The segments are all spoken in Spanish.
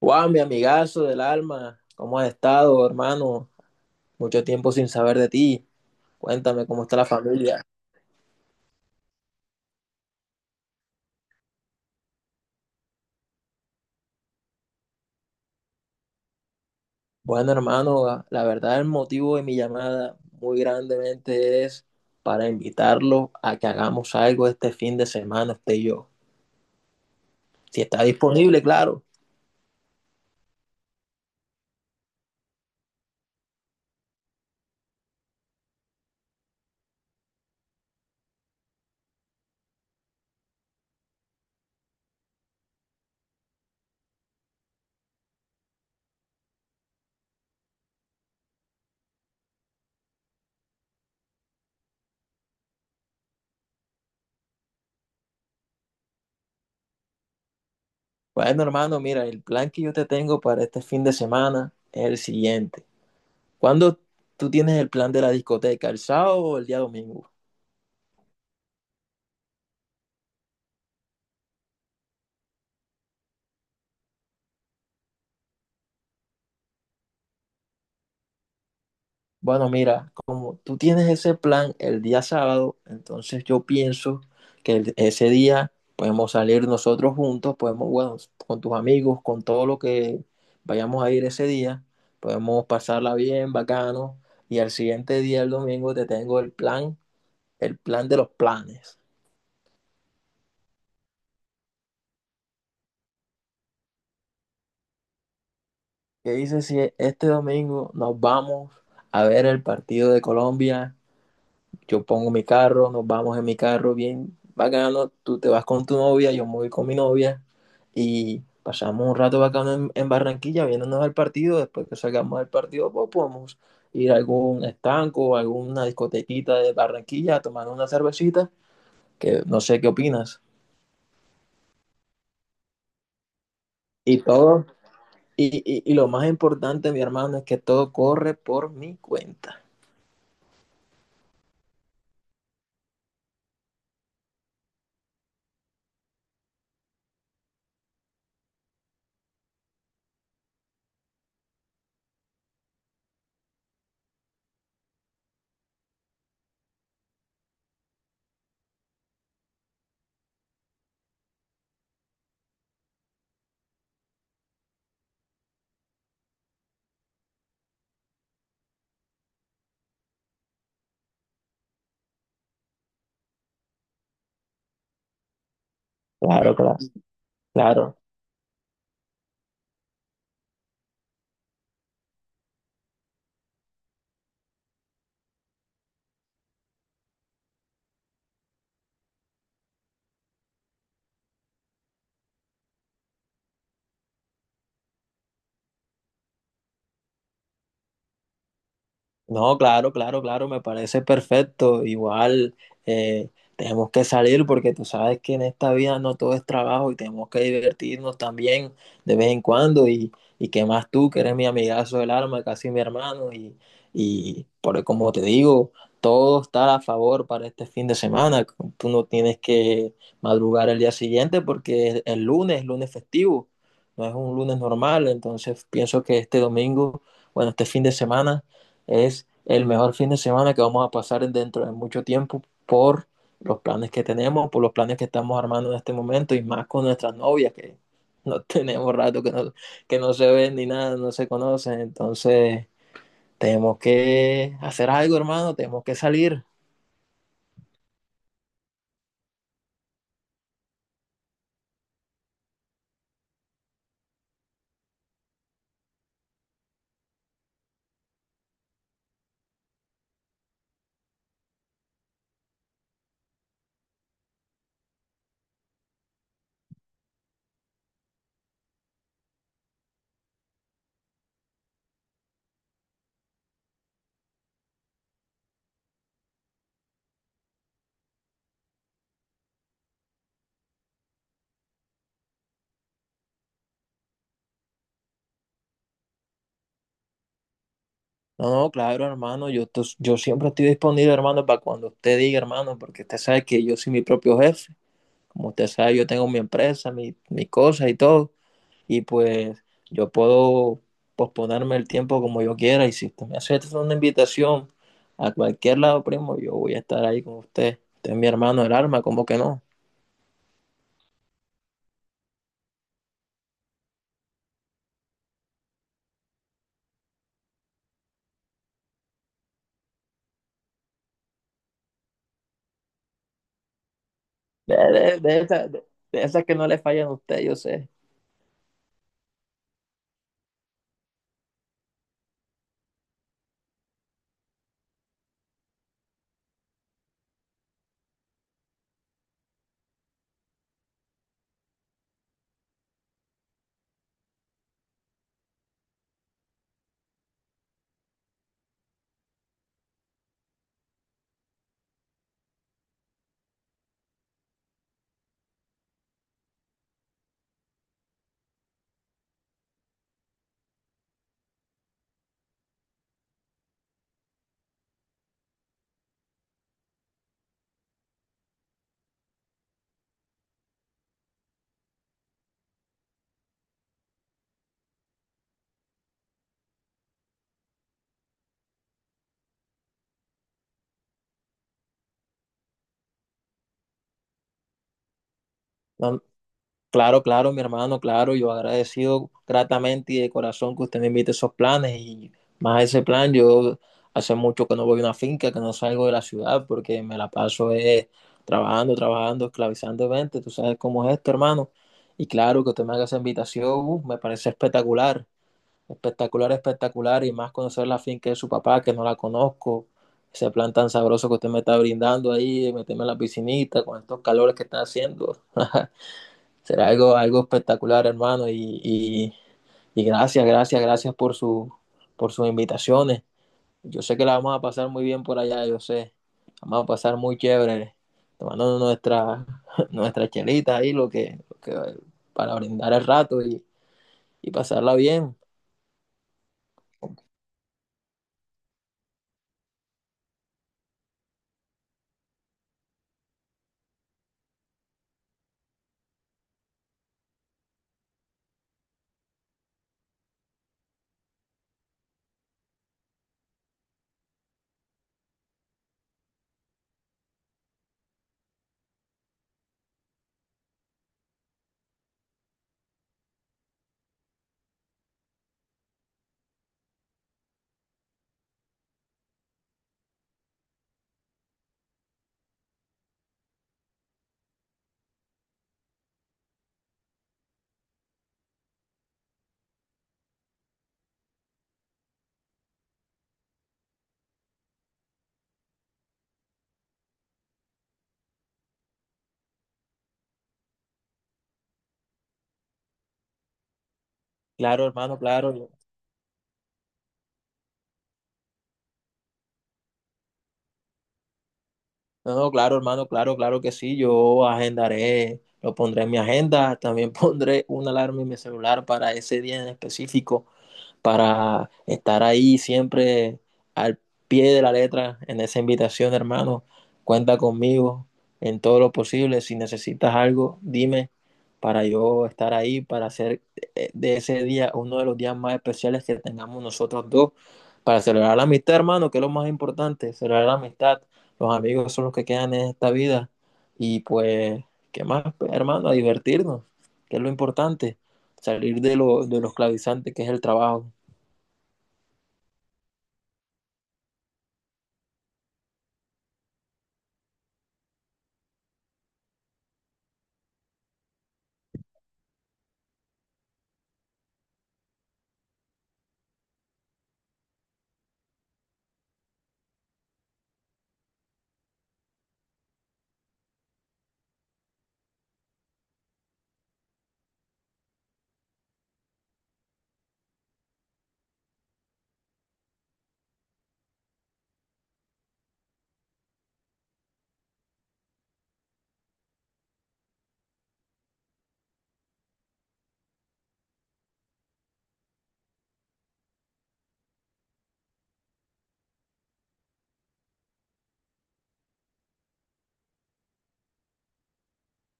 Wow, mi amigazo del alma, ¿cómo has estado, hermano? Mucho tiempo sin saber de ti. Cuéntame cómo está la familia. Bueno, hermano, la verdad el motivo de mi llamada muy grandemente es para invitarlo a que hagamos algo este fin de semana, usted y yo. Si está disponible, claro. Bueno, hermano, mira, el plan que yo te tengo para este fin de semana es el siguiente. ¿Cuándo tú tienes el plan de la discoteca? ¿El sábado o el día domingo? Bueno, mira, como tú tienes ese plan el día sábado, entonces yo pienso que ese día podemos salir nosotros juntos, podemos, bueno, con tus amigos, con todo lo que vayamos a ir ese día, podemos pasarla bien, bacano, y al siguiente día, el domingo, te tengo el plan de los planes. ¿Qué dices si este domingo nos vamos a ver el partido de Colombia? Yo pongo mi carro, nos vamos en mi carro bien bacano, tú te vas con tu novia, yo me voy con mi novia y pasamos un rato bacano en Barranquilla viéndonos al partido. Después que salgamos del partido pues podemos ir a algún estanco, o alguna discotequita de Barranquilla a tomar una cervecita, que no sé qué opinas. Y todo, y lo más importante, mi hermano, es que todo corre por mi cuenta. Claro, claro, claro. No, claro, claro, claro, me parece perfecto. Igual eh, tenemos que salir porque tú sabes que en esta vida no todo es trabajo y tenemos que divertirnos también de vez en cuando. Y qué más tú, que eres mi amigazo del alma, casi mi hermano. Y por, como te digo, todo está a favor para este fin de semana. Tú no tienes que madrugar el día siguiente porque es el lunes, lunes festivo, no es un lunes normal. Entonces pienso que este domingo, bueno, este fin de semana. Es el mejor fin de semana que vamos a pasar dentro de mucho tiempo por los planes que tenemos, por los planes que estamos armando en este momento y más con nuestras novias que no tenemos rato que no se ven ni nada, no se conocen. Entonces, tenemos que hacer algo, hermano, tenemos que salir. No, no, claro, hermano, yo siempre estoy disponible, hermano, para cuando usted diga, hermano, porque usted sabe que yo soy mi propio jefe. Como usted sabe, yo tengo mi empresa, mi, mis cosas y todo. Y pues yo puedo posponerme el tiempo como yo quiera y si usted me hace una invitación a cualquier lado, primo, yo voy a estar ahí con usted. Usted es mi hermano del alma, ¿cómo que no? De esas de esas que no le fallan a usted, yo sé. No, claro, claro, mi hermano, claro, yo agradecido gratamente y de corazón que usted me invite a esos planes y más a ese plan. Yo hace mucho que no voy a una finca, que no salgo de la ciudad porque me la paso trabajando, trabajando, esclavizando gente, tú sabes cómo es esto, hermano. Y claro que usted me haga esa invitación, me parece espectacular, espectacular, espectacular y más conocer la finca de su papá, que no la conozco, ese plan tan sabroso que usted me está brindando ahí, meterme en la piscinita con estos calores que está haciendo. Será algo, algo espectacular, hermano. Y gracias, gracias, gracias por, su, por sus invitaciones. Yo sé que la vamos a pasar muy bien por allá, yo sé. Vamos a pasar muy chévere, tomando nuestra, nuestras chelitas ahí, lo que, para brindar el rato y pasarla bien. Claro, hermano, claro. No, no, claro, hermano, claro, claro que sí. Yo agendaré, lo pondré en mi agenda. También pondré una alarma en mi celular para ese día en específico, para estar ahí siempre al pie de la letra en esa invitación, hermano. Cuenta conmigo en todo lo posible. Si necesitas algo, dime para yo estar ahí, para hacer de ese día uno de los días más especiales que tengamos nosotros dos, para celebrar la amistad, hermano, que es lo más importante, celebrar la amistad. Los amigos son los que quedan en esta vida. Y pues, ¿qué más, hermano? A divertirnos, que es lo importante, salir de, lo, de los clavizantes que es el trabajo.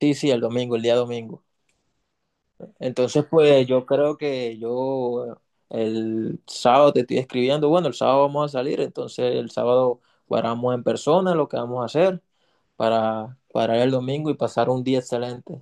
Sí, sí, el domingo, el día domingo. Entonces, pues yo creo que yo el sábado te estoy escribiendo, bueno, el sábado vamos a salir, entonces el sábado guardamos en persona lo que vamos a hacer para el domingo y pasar un día excelente.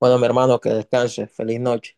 Bueno, mi hermano, que descanse, feliz noche.